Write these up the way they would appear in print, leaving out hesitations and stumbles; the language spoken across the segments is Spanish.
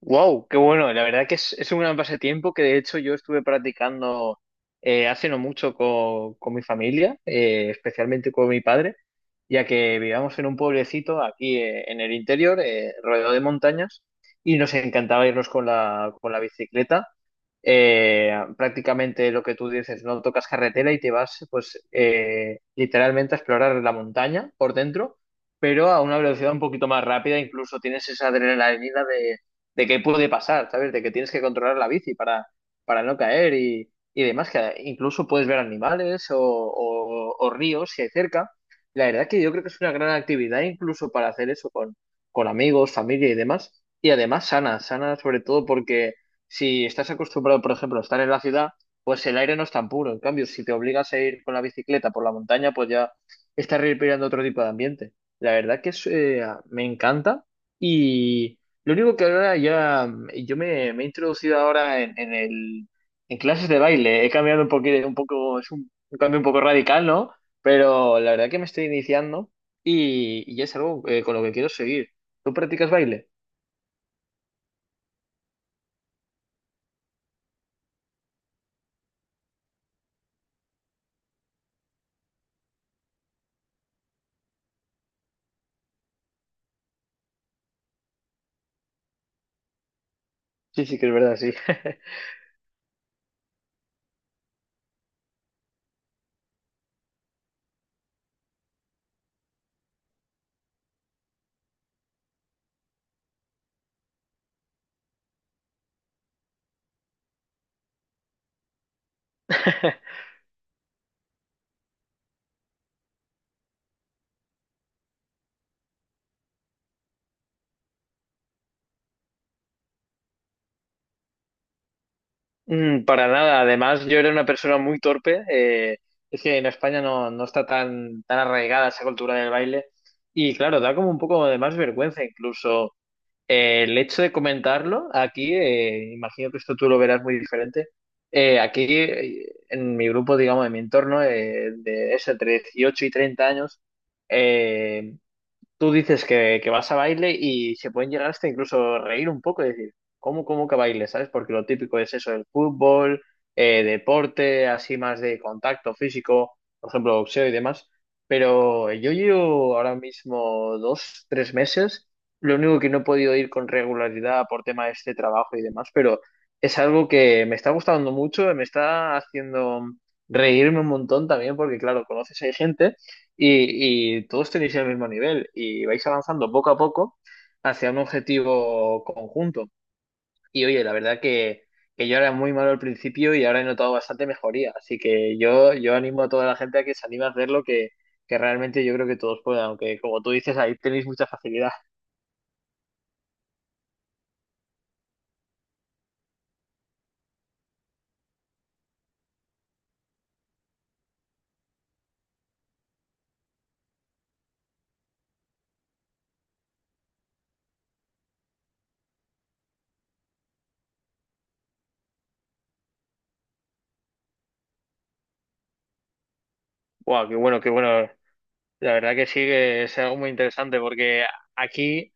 Wow, qué bueno. La verdad que es un gran pasatiempo que de hecho yo estuve practicando hace no mucho con mi familia, especialmente con mi padre, ya que vivíamos en un pueblecito aquí en el interior, rodeado de montañas, y nos encantaba irnos con la bicicleta. Prácticamente lo que tú dices, no tocas carretera y te vas pues literalmente a explorar la montaña por dentro, pero a una velocidad un poquito más rápida. Incluso tienes esa adrenalina de qué puede pasar, ¿sabes? De que tienes que controlar la bici para no caer y demás, que incluso puedes ver animales o ríos si hay cerca. La verdad que yo creo que es una gran actividad incluso para hacer eso con amigos, familia y demás. Y además sana, sana sobre todo porque si estás acostumbrado, por ejemplo, a estar en la ciudad, pues el aire no es tan puro. En cambio, si te obligas a ir con la bicicleta por la montaña, pues ya estás respirando otro tipo de ambiente. La verdad que me encanta. y, lo único que ahora ya, yo me he introducido ahora en clases de baile. He cambiado un poco. Es un cambio un poco radical, ¿no? Pero la verdad que me estoy iniciando y es algo con lo que quiero seguir. ¿Tú practicas baile? Sí, sí que es verdad, sí. Para nada. Además, yo era una persona muy torpe. Es que en España no, no está tan arraigada esa cultura del baile. Y claro, da como un poco de más vergüenza incluso. El hecho de comentarlo aquí, imagino que esto tú lo verás muy diferente. Aquí, en mi grupo, digamos, en mi entorno, de eso, entre 18 y 30 años, eh, tú dices que vas a baile y se pueden llegar hasta incluso reír un poco y decir, ¿cómo que baile? ¿Sabes? Porque lo típico es eso, el fútbol, deporte, así más de contacto físico, por ejemplo, boxeo y demás. Pero yo llevo ahora mismo dos, tres meses. Lo único que no he podido ir con regularidad por tema de este trabajo y demás, pero es algo que me está gustando mucho, me está haciendo reírme un montón también, porque claro, conoces a gente y todos tenéis el mismo nivel y vais avanzando poco a poco hacia un objetivo conjunto. Y oye, la verdad que yo era muy malo al principio y ahora he notado bastante mejoría, así que yo animo a toda la gente a que se anime a hacerlo, que realmente yo creo que todos puedan, aunque como tú dices, ahí tenéis mucha facilidad. Wow, qué bueno, qué bueno. La verdad que sí, que es algo muy interesante porque aquí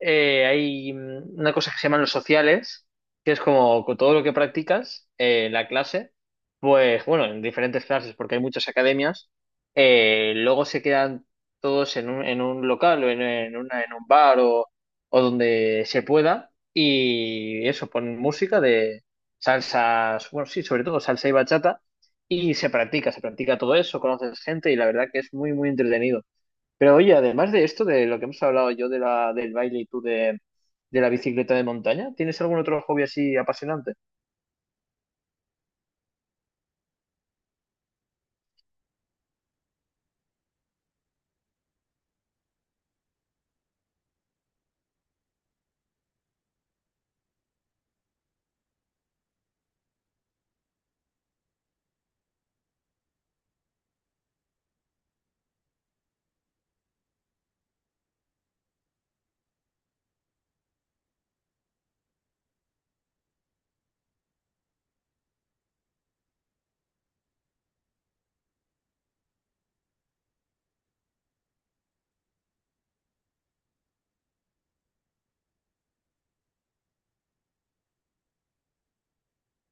hay una cosa que se llaman los sociales, que es como con todo lo que practicas en la clase, pues bueno, en diferentes clases, porque hay muchas academias. Luego se quedan todos en un local o en en un bar o donde se pueda, y eso, ponen música de salsas, bueno, sí, sobre todo salsa y bachata, y se practica todo eso, conoces gente y la verdad que es muy, muy entretenido. Pero oye, además de esto, de lo que hemos hablado, yo de del baile y tú de la bicicleta de montaña, ¿tienes algún otro hobby así apasionante?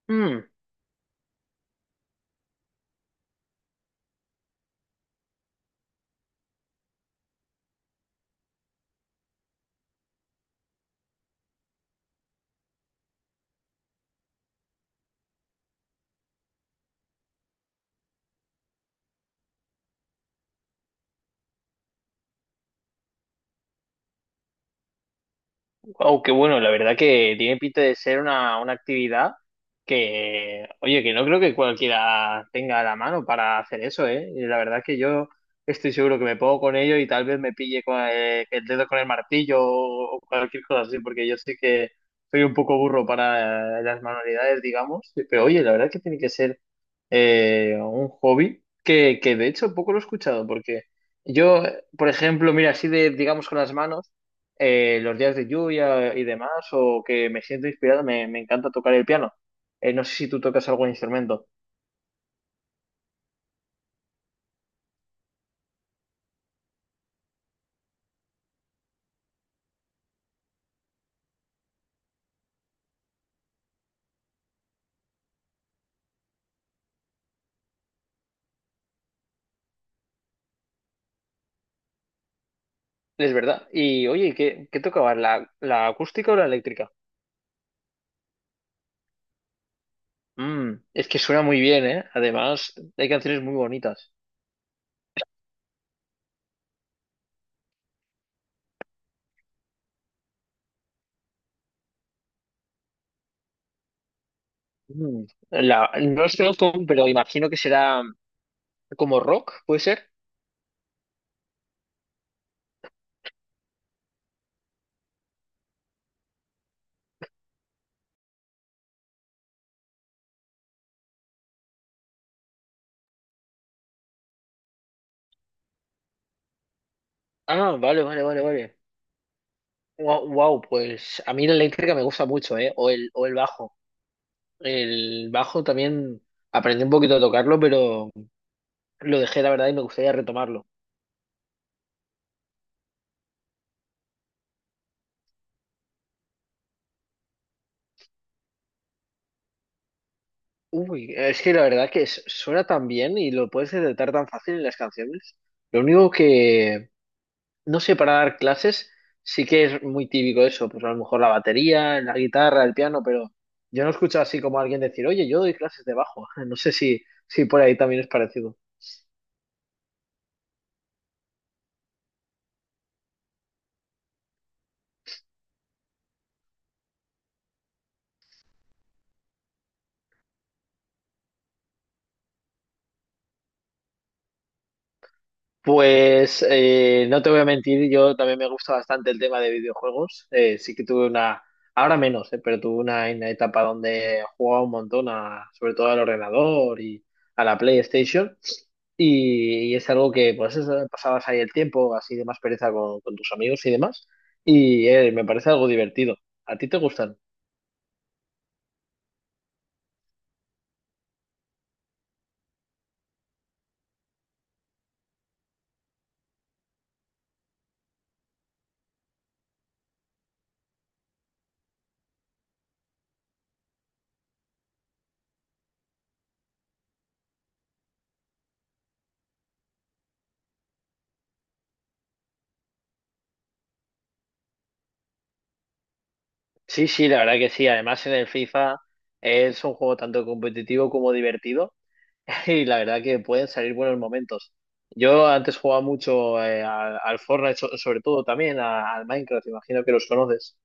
Mm, wow, qué bueno, la verdad que tiene pinta de ser una actividad que, oye, que no creo que cualquiera tenga a la mano para hacer eso, ¿eh? Y la verdad que yo estoy seguro que me pongo con ello y tal vez me pille con el dedo con el martillo o cualquier cosa así, porque yo sé que soy un poco burro para las manualidades, digamos, pero oye, la verdad que tiene que ser un hobby que de hecho poco lo he escuchado, porque yo, por ejemplo, mira, así de, digamos, con las manos, los días de lluvia y demás, o que me siento inspirado, me encanta tocar el piano. No sé si tú tocas algún instrumento. Es verdad. Y oye, ¿qué, qué tocabas? ¿La, la acústica o la eléctrica? Mm, es que suena muy bien, ¿eh? Además, hay canciones muy bonitas. Mm, la, no los conozco, pero imagino que será como rock, ¿puede ser? Ah, vale, vale, vale, vale. Wow, pues a mí la eléctrica me gusta mucho, ¿eh? O el bajo. El bajo también aprendí un poquito a tocarlo, pero lo dejé, la verdad, y me gustaría retomarlo. Uy, es que la verdad que es- suena tan bien y lo puedes detectar tan fácil en las canciones. Lo único no sé, para dar clases sí que es muy típico eso, pues a lo mejor la batería, la guitarra, el piano, pero yo no escucho así como alguien decir, oye, yo doy clases de bajo. No sé si por ahí también es parecido. Pues no te voy a mentir, yo también me gusta bastante el tema de videojuegos. Sí que tuve ahora menos, pero tuve una etapa donde jugaba un montón, sobre todo al ordenador y a la PlayStation. Y es algo que, pues, eso, pasabas ahí el tiempo, así de más pereza con tus amigos y demás. Y me parece algo divertido. ¿A ti te gustan? Sí, sí, la verdad que sí. Además, en el FIFA es un juego tanto competitivo como divertido. Y la verdad que pueden salir buenos momentos. Yo antes jugaba mucho al Fortnite, sobre todo también al Minecraft, imagino que los conoces.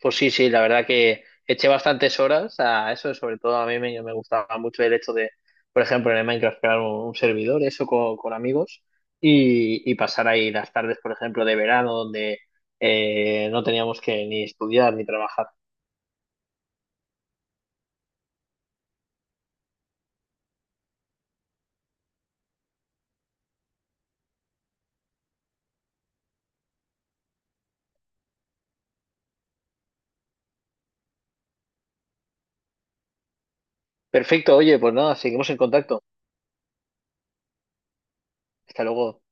Pues sí, sí, la verdad que eché bastantes horas a eso, sobre todo a mí me gustaba mucho el hecho de, por ejemplo, en el Minecraft crear un servidor, eso con amigos, y pasar ahí las tardes, por ejemplo, de verano, donde no teníamos que ni estudiar ni trabajar. Perfecto, oye, pues nada, seguimos en contacto. Hasta luego.